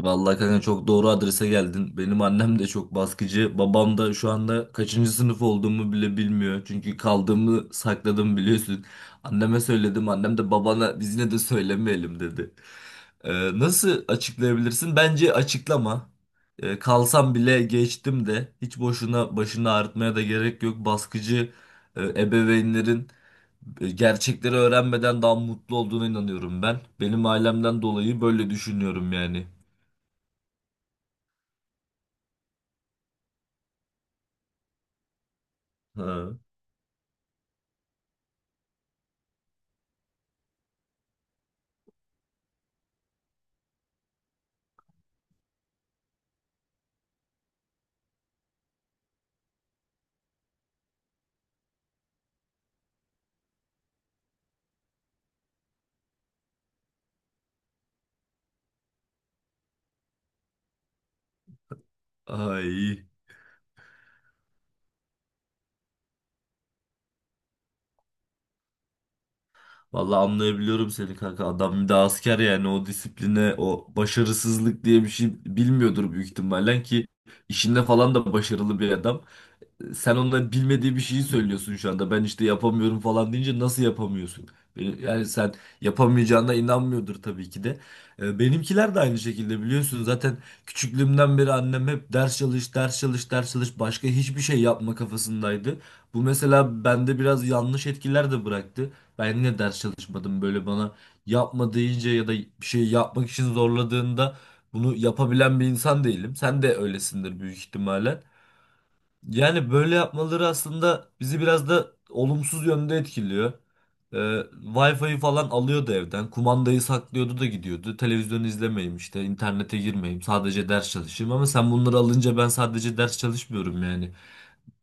Vallahi kanka çok doğru adrese geldin. Benim annem de çok baskıcı. Babam da şu anda kaçıncı sınıf olduğumu bile bilmiyor. Çünkü kaldığımı sakladım biliyorsun. Anneme söyledim. Annem de babana biz yine de söylemeyelim dedi. Nasıl açıklayabilirsin? Bence açıklama. Kalsam bile geçtim de hiç boşuna başını ağrıtmaya da gerek yok. Baskıcı ebeveynlerin gerçekleri öğrenmeden daha mutlu olduğuna inanıyorum ben. Benim ailemden dolayı böyle düşünüyorum yani. Ha, ay. Vallahi anlayabiliyorum seni kanka. Adam bir de asker, yani o disipline, o başarısızlık diye bir şey bilmiyordur büyük ihtimalle ki işinde falan da başarılı bir adam. Sen onların bilmediği bir şeyi söylüyorsun şu anda. Ben işte yapamıyorum falan deyince nasıl yapamıyorsun? Yani sen yapamayacağına inanmıyordur tabii ki de. Benimkiler de aynı şekilde biliyorsun. Zaten küçüklüğümden beri annem hep ders çalış, ders çalış, ders çalış. Başka hiçbir şey yapma kafasındaydı. Bu mesela bende biraz yanlış etkiler de bıraktı. Ben yine ders çalışmadım. Böyle bana yapma deyince ya da bir şey yapmak için zorladığında bunu yapabilen bir insan değilim. Sen de öylesindir büyük ihtimalle. Yani böyle yapmaları aslında bizi biraz da olumsuz yönde etkiliyor. Wi-Fi'yi falan alıyordu evden. Kumandayı saklıyordu da gidiyordu. Televizyon izlemeyeyim işte, internete girmeyeyim, sadece ders çalışayım. Ama sen bunları alınca ben sadece ders çalışmıyorum yani.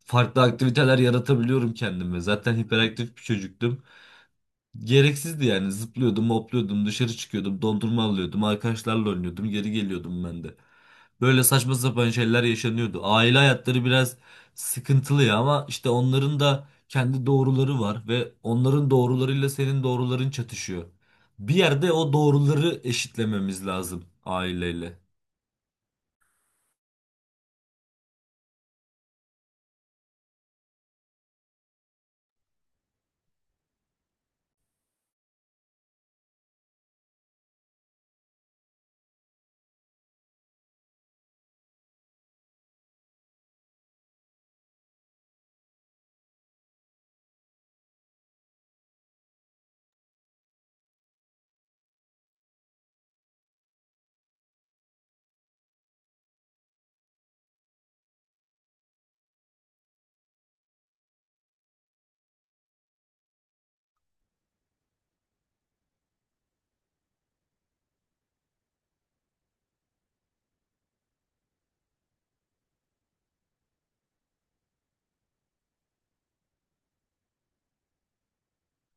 Farklı aktiviteler yaratabiliyorum kendime. Zaten hiperaktif bir çocuktum. Gereksizdi yani. Zıplıyordum, hopluyordum, dışarı çıkıyordum, dondurma alıyordum, arkadaşlarla oynuyordum, geri geliyordum ben de. Böyle saçma sapan şeyler yaşanıyordu. Aile hayatları biraz sıkıntılı ya, ama işte onların da kendi doğruları var ve onların doğrularıyla senin doğruların çatışıyor. Bir yerde o doğruları eşitlememiz lazım aileyle.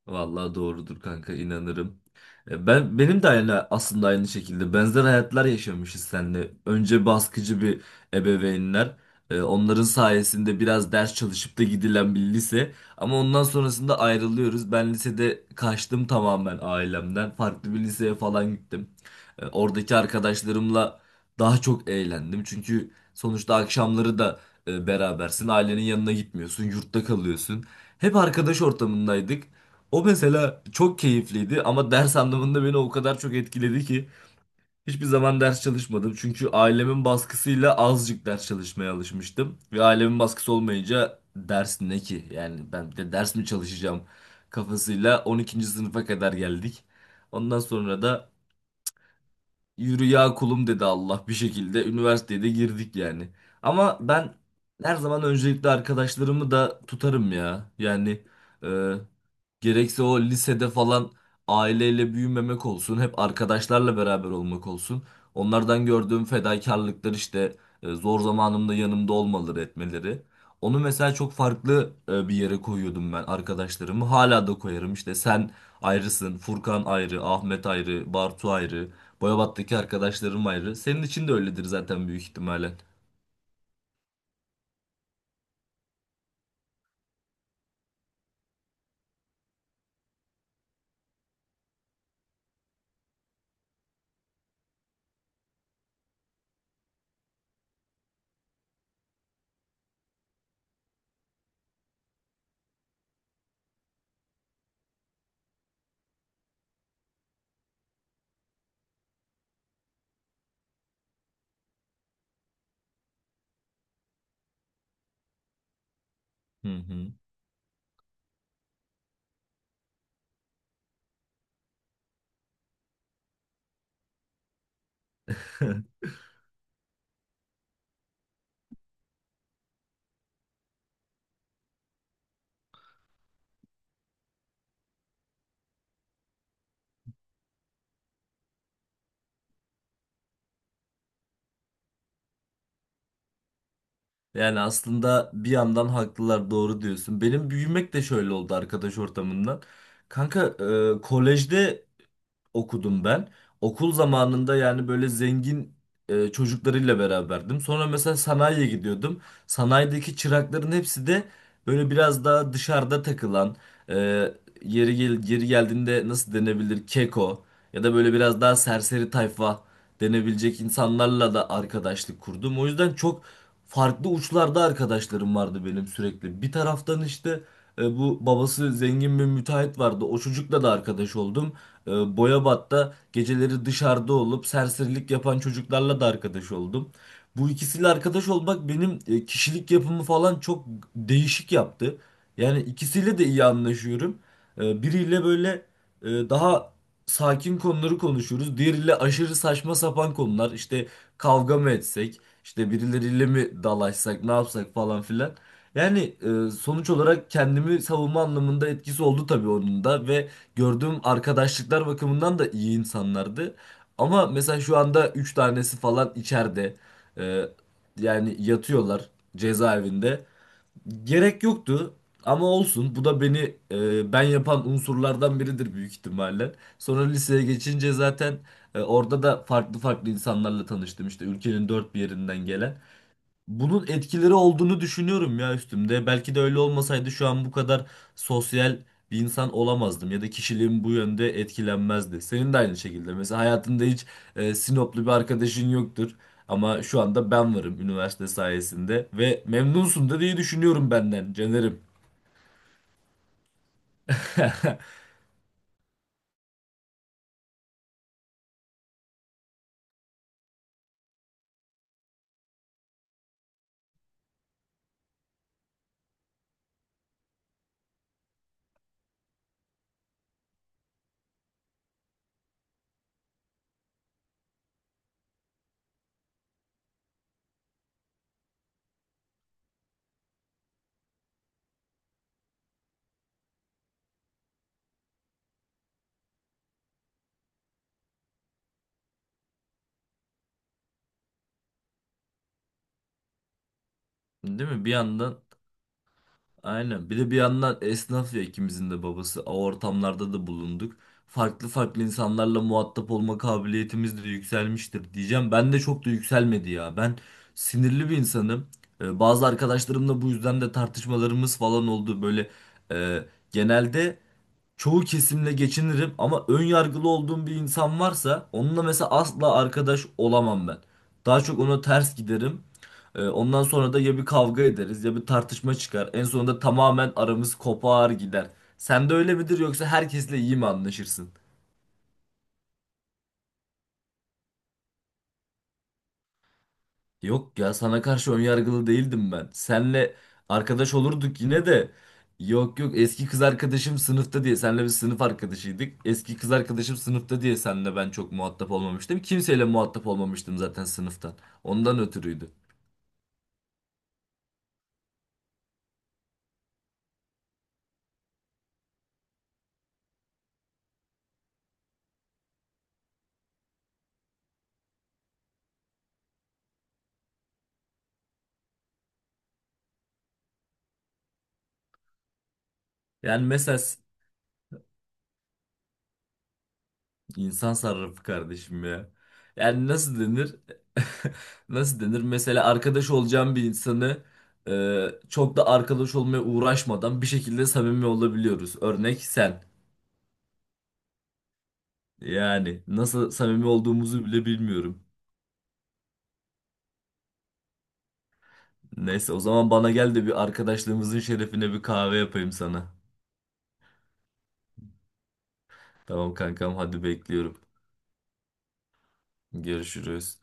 Vallahi doğrudur kanka, inanırım. Benim de aynı, aslında aynı şekilde benzer hayatlar yaşamışız seninle. Önce baskıcı bir ebeveynler, onların sayesinde biraz ders çalışıp da gidilen bir lise, ama ondan sonrasında ayrılıyoruz. Ben lisede kaçtım tamamen ailemden. Farklı bir liseye falan gittim. Oradaki arkadaşlarımla daha çok eğlendim. Çünkü sonuçta akşamları da berabersin. Ailenin yanına gitmiyorsun, yurtta kalıyorsun. Hep arkadaş ortamındaydık. O mesela çok keyifliydi, ama ders anlamında beni o kadar çok etkiledi ki hiçbir zaman ders çalışmadım. Çünkü ailemin baskısıyla azıcık ders çalışmaya alışmıştım. Ve ailemin baskısı olmayınca ders ne ki? Yani ben bir de ders mi çalışacağım kafasıyla 12. sınıfa kadar geldik. Ondan sonra da yürü ya kulum dedi Allah bir şekilde. Üniversiteye de girdik yani. Ama ben her zaman öncelikle arkadaşlarımı da tutarım ya. Yani e, gerekse o lisede falan aileyle büyümemek olsun, hep arkadaşlarla beraber olmak olsun. Onlardan gördüğüm fedakarlıklar, işte zor zamanımda yanımda olmaları, etmeleri. Onu mesela çok farklı bir yere koyuyordum ben arkadaşlarımı. Hala da koyarım. İşte sen ayrısın, Furkan ayrı, Ahmet ayrı, Bartu ayrı. Boyabat'taki arkadaşlarım ayrı. Senin için de öyledir zaten büyük ihtimalle. Hı hı. Yani aslında bir yandan haklılar, doğru diyorsun. Benim büyümek de şöyle oldu arkadaş ortamından. Kanka kolejde okudum ben. Okul zamanında yani böyle zengin çocuklarıyla beraberdim. Sonra mesela sanayiye gidiyordum. Sanayideki çırakların hepsi de böyle biraz daha dışarıda takılan, e, yeri gel, yeri geldiğinde nasıl denebilir, keko ya da böyle biraz daha serseri tayfa denebilecek insanlarla da arkadaşlık kurdum. O yüzden çok farklı uçlarda arkadaşlarım vardı benim sürekli. Bir taraftan işte bu babası zengin bir müteahhit vardı. O çocukla da arkadaş oldum. E, Boyabat'ta geceleri dışarıda olup serserilik yapan çocuklarla da arkadaş oldum. Bu ikisiyle arkadaş olmak benim kişilik yapımı falan çok değişik yaptı. Yani ikisiyle de iyi anlaşıyorum. Biriyle böyle daha sakin konuları konuşuyoruz. Diğeriyle aşırı saçma sapan konular. İşte kavga mı etsek, işte birileriyle mi dalaşsak, ne yapsak falan filan. Yani sonuç olarak kendimi savunma anlamında etkisi oldu tabii onun da, ve gördüğüm arkadaşlıklar bakımından da iyi insanlardı. Ama mesela şu anda 3 tanesi falan içeride. Ee, yani yatıyorlar cezaevinde. Gerek yoktu ama olsun. Bu da beni, ben yapan unsurlardan biridir büyük ihtimalle. Sonra liseye geçince zaten orada da farklı farklı insanlarla tanıştım. İşte ülkenin dört bir yerinden gelen. Bunun etkileri olduğunu düşünüyorum ya üstümde. Belki de öyle olmasaydı şu an bu kadar sosyal bir insan olamazdım ya da kişiliğim bu yönde etkilenmezdi. Senin de aynı şekilde. Mesela hayatında hiç Sinoplu bir arkadaşın yoktur, ama şu anda ben varım üniversite sayesinde ve memnunsun da diye düşünüyorum benden Caner'im. Değil mi? Bir yandan aynen. Bir de bir yandan esnaf ya ikimizin de babası. O ortamlarda da bulunduk. Farklı farklı insanlarla muhatap olma kabiliyetimiz de yükselmiştir diyeceğim. Ben de çok da yükselmedi ya. Ben sinirli bir insanım. Bazı arkadaşlarımla bu yüzden de tartışmalarımız falan oldu. Böyle e, genelde çoğu kesimle geçinirim, ama ön yargılı olduğum bir insan varsa onunla mesela asla arkadaş olamam ben. Daha çok ona ters giderim. Ondan sonra da ya bir kavga ederiz ya bir tartışma çıkar. En sonunda tamamen aramız kopar gider. Sen de öyle midir yoksa herkesle iyi mi anlaşırsın? Yok ya, sana karşı önyargılı değildim ben. Senle arkadaş olurduk yine de. Yok yok, eski kız arkadaşım sınıfta diye senle bir sınıf arkadaşıydık. Eski kız arkadaşım sınıfta diye senle ben çok muhatap olmamıştım. Kimseyle muhatap olmamıştım zaten sınıftan. Ondan ötürüydü. Yani mesela İnsan sarrafı kardeşim ya. Yani nasıl denir? Nasıl denir? Mesela arkadaş olacağım bir insanı çok da arkadaş olmaya uğraşmadan bir şekilde samimi olabiliyoruz. Örnek sen. Yani nasıl samimi olduğumuzu bile bilmiyorum. Neyse o zaman bana gel de bir arkadaşlığımızın şerefine bir kahve yapayım sana. Tamam kankam, hadi bekliyorum. Görüşürüz.